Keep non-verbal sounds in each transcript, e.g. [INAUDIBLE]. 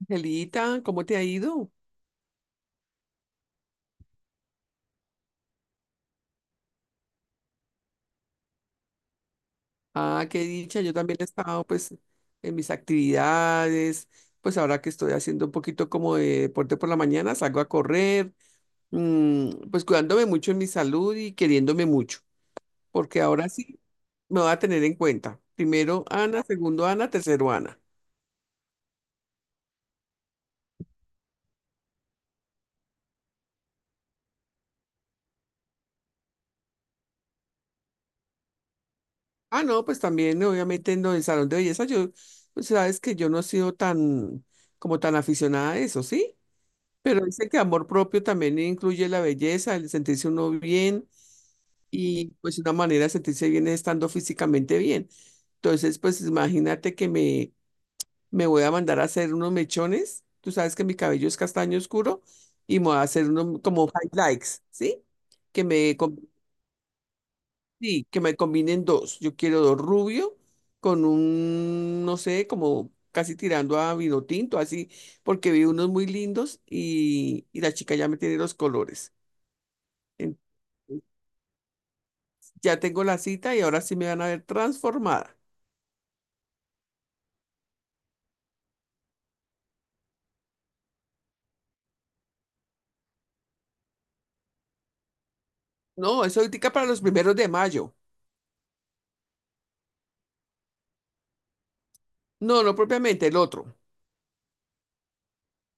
Angelita, ¿cómo te ha ido? Ah, qué dicha, yo también he estado pues en mis actividades, pues ahora que estoy haciendo un poquito como de deporte por la mañana, salgo a correr, pues cuidándome mucho en mi salud y queriéndome mucho, porque ahora sí me voy a tener en cuenta. Primero Ana, segundo Ana, tercero Ana. Ah, no, pues también obviamente en el salón de belleza, yo, pues sabes que yo no he sido tan, como tan aficionada a eso, ¿sí? Pero dice que amor propio también incluye la belleza, el sentirse uno bien y pues una manera de sentirse bien es estando físicamente bien. Entonces, pues imagínate que me voy a mandar a hacer unos mechones. Tú sabes que mi cabello es castaño oscuro y me voy a hacer unos como highlights, ¿sí? Que me, com- sí, que me combinen dos. Yo quiero dos rubio con un, no sé, como casi tirando a vino tinto, así, porque vi unos muy lindos y la chica ya me tiene los colores. En- Ya tengo la cita y ahora sí me van a ver transformada. No, eso ahorita para los primeros de mayo. No, no propiamente, el otro.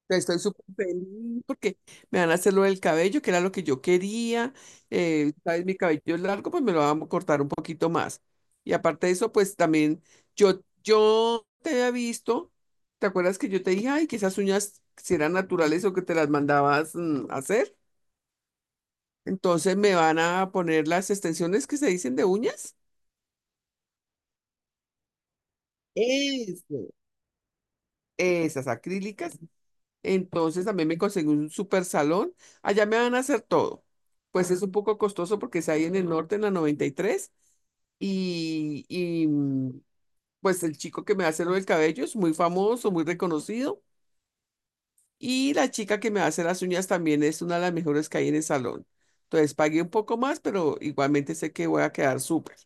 Estoy súper feliz porque me van a hacer lo del cabello, que era lo que yo quería. Sabes, mi cabello es largo, pues me lo van a cortar un poquito más. Y aparte de eso, pues también yo te había visto, ¿te acuerdas que yo te dije, ay, que esas uñas si eran naturales o que te las mandabas hacer? Entonces me van a poner las extensiones que se dicen de uñas. Eso, esas acrílicas. Entonces también me conseguí un super salón. Allá me van a hacer todo. Pues es un poco costoso porque es ahí en el norte, en la 93. Y, tres. Pues el chico que me hace lo del cabello es muy famoso, muy reconocido. Y la chica que me hace las uñas también es una de las mejores que hay en el salón. Entonces pagué un poco más, pero igualmente sé que voy a quedar súper.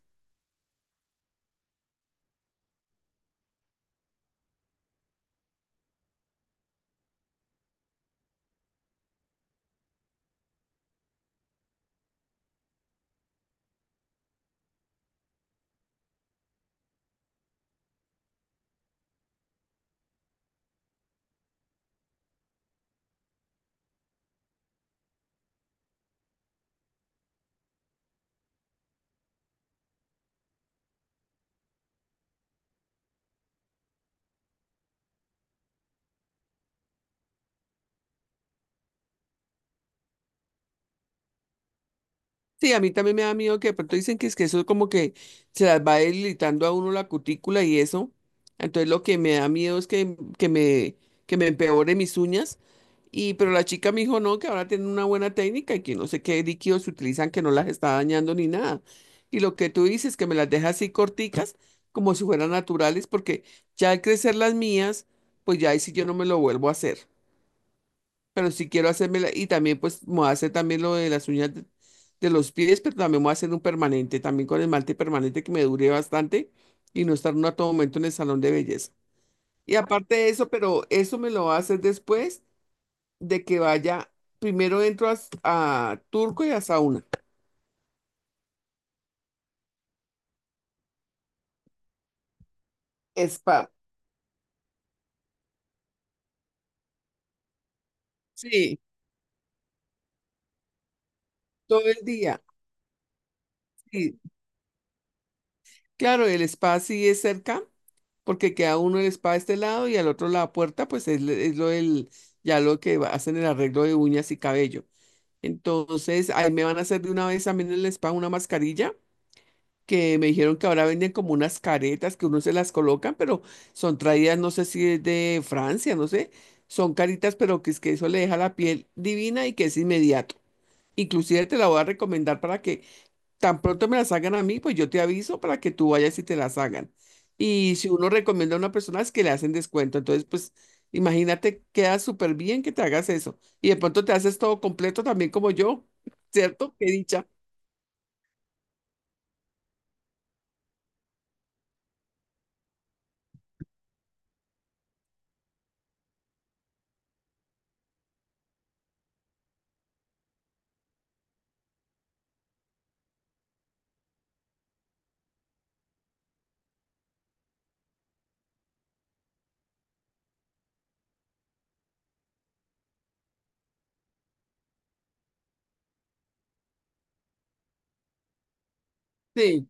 Sí, a mí también me da miedo que de pronto dicen que es que eso como que se las va debilitando a uno la cutícula y eso. Entonces lo que me da miedo es que me empeore mis uñas. Y, pero la chica me dijo no, que ahora tienen una buena técnica y que no sé qué líquidos utilizan que no las está dañando ni nada. Y lo que tú dices, que me las deja así corticas, como si fueran naturales, porque ya al crecer las mías, pues ya ahí sí yo no me lo vuelvo a hacer pero si quiero hacerme y también pues me voy a hacer también lo de las uñas de los pies, pero también me voy a hacer un permanente, también con esmalte permanente que me dure bastante y no estar uno a todo momento en el salón de belleza. Y aparte de eso, pero eso me lo va a hacer después de que vaya, primero entro a Turco y a Sauna. Spa. Sí, todo el día. Sí. Claro, el spa sí es cerca, porque queda uno el spa de este lado y al otro la puerta, pues es lo del, ya lo que hacen el arreglo de uñas y cabello. Entonces, ahí me van a hacer de una vez también en el spa una mascarilla, que me dijeron que ahora venden como unas caretas que uno se las colocan, pero son traídas, no sé si es de Francia, no sé. Son caritas, pero que es que eso le deja la piel divina y que es inmediato. Inclusive te la voy a recomendar para que tan pronto me la hagan a mí, pues yo te aviso para que tú vayas y te las hagan. Y si uno recomienda a una persona es que le hacen descuento. Entonces, pues imagínate, queda súper bien que te hagas eso. Y de pronto te haces todo completo también como yo, [LAUGHS] ¿cierto? Qué dicha. Sí,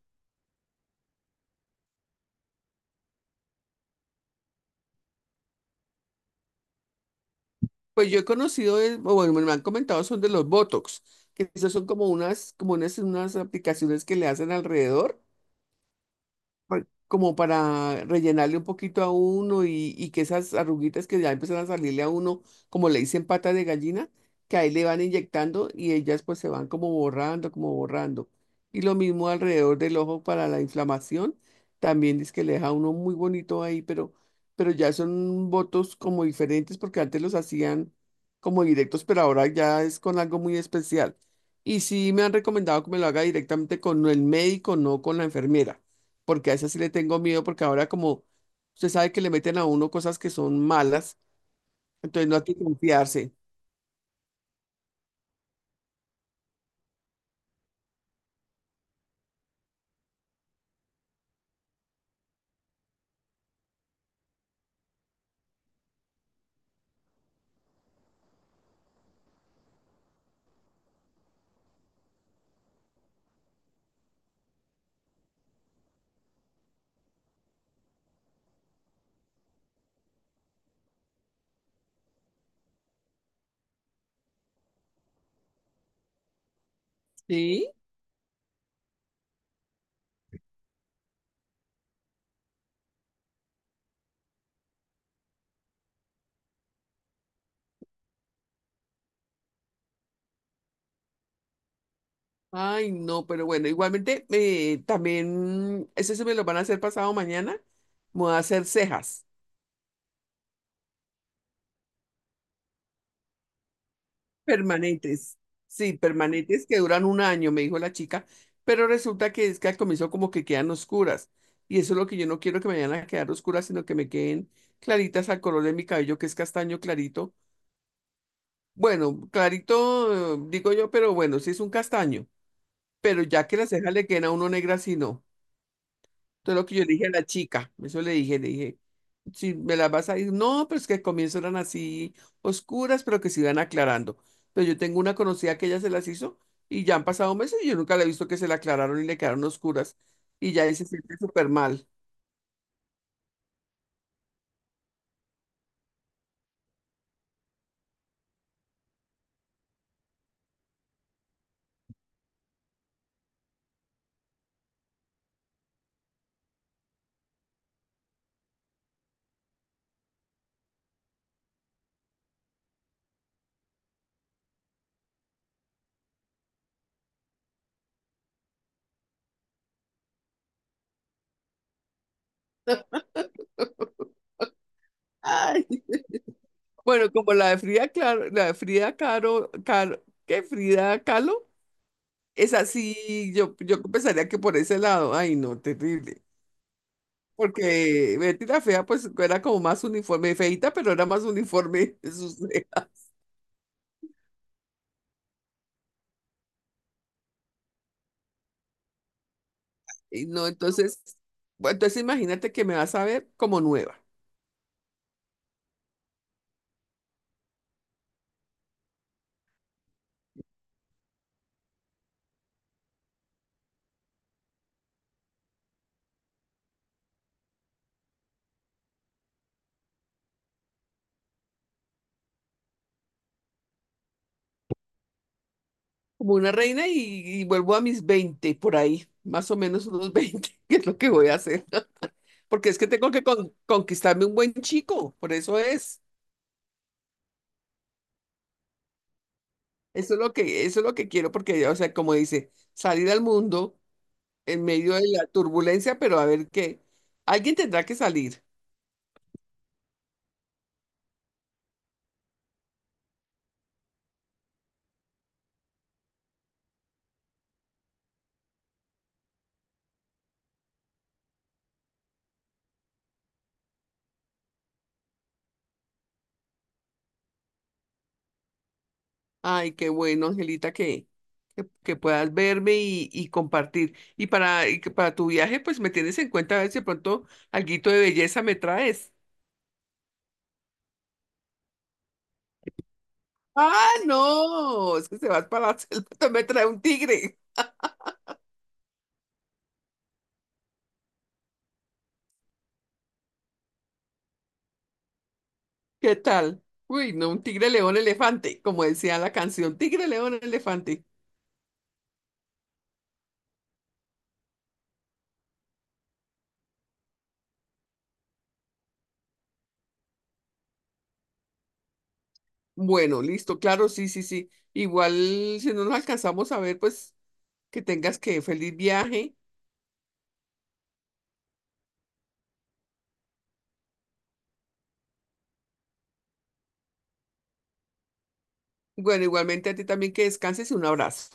pues yo he conocido, o bueno, me lo han comentado, son de los Botox, que esos son unas aplicaciones que le hacen alrededor como para rellenarle un poquito a uno y que esas arruguitas que ya empiezan a salirle a uno, como le dicen patas de gallina, que ahí le van inyectando y ellas pues se van como borrando, como borrando. Y lo mismo alrededor del ojo para la inflamación, también es que le deja a uno muy bonito ahí, pero, ya son votos como diferentes porque antes los hacían como directos, pero ahora ya es con algo muy especial. Y sí me han recomendado que me lo haga directamente con el médico, no con la enfermera porque a esa sí le tengo miedo, porque ahora como usted sabe que le meten a uno cosas que son malas, entonces no hay que confiarse. Sí. Ay, no, pero bueno, igualmente también, eso se me lo van a hacer pasado mañana, me voy a hacer cejas permanentes, sí, permanentes que duran un año, me dijo la chica, pero resulta que es que al comienzo como que quedan oscuras, y eso es lo que yo no quiero que me vayan a quedar oscuras, sino que me queden claritas al color de mi cabello, que es castaño clarito. Bueno, clarito, digo yo, pero bueno, sí es un castaño. Pero ya que las cejas le quedan a uno negras, sí no. Entonces lo que yo le dije a la chica, eso le dije, si me las vas a ir, no, pero es que al comienzo eran así oscuras, pero que se iban aclarando. Pero yo tengo una conocida que ella se las hizo y ya han pasado meses y yo nunca la he visto que se la aclararon y le quedaron oscuras y ya ahí se siente súper mal. Ay. Bueno, como la de Frida, claro, la de Frida Caro, Caro, ¿qué? Frida Kahlo. Es así, yo pensaría que por ese lado, ay no, terrible. Porque Betty la Fea, pues era como más uniforme, feita, pero era más uniforme [LAUGHS] sus cejas. Y no, entonces, bueno, entonces imagínate que me vas a ver como nueva, como una reina y vuelvo a mis 20 por ahí, más o menos unos 20 [LAUGHS] que es lo que voy a hacer. [LAUGHS] Porque es que tengo que conquistarme un buen chico, por eso es. Eso es lo que quiero, porque, o sea, como dice, salir al mundo en medio de la turbulencia, pero a ver qué. Alguien tendrá que salir. Ay, qué bueno, Angelita, que puedas verme y compartir. Y que para tu viaje, pues me tienes en cuenta a ver si de pronto alguito de belleza me traes. Ah, no, es que se vas para la selva, [LAUGHS] me trae un tigre. ¿Qué tal? Uy, no, un tigre, león, elefante, como decía la canción, tigre, león, elefante. Bueno, listo, claro, sí, sí, sí. Igual si no nos alcanzamos a ver, pues que tengas que feliz viaje. Bueno, igualmente a ti también que descanses y un abrazo.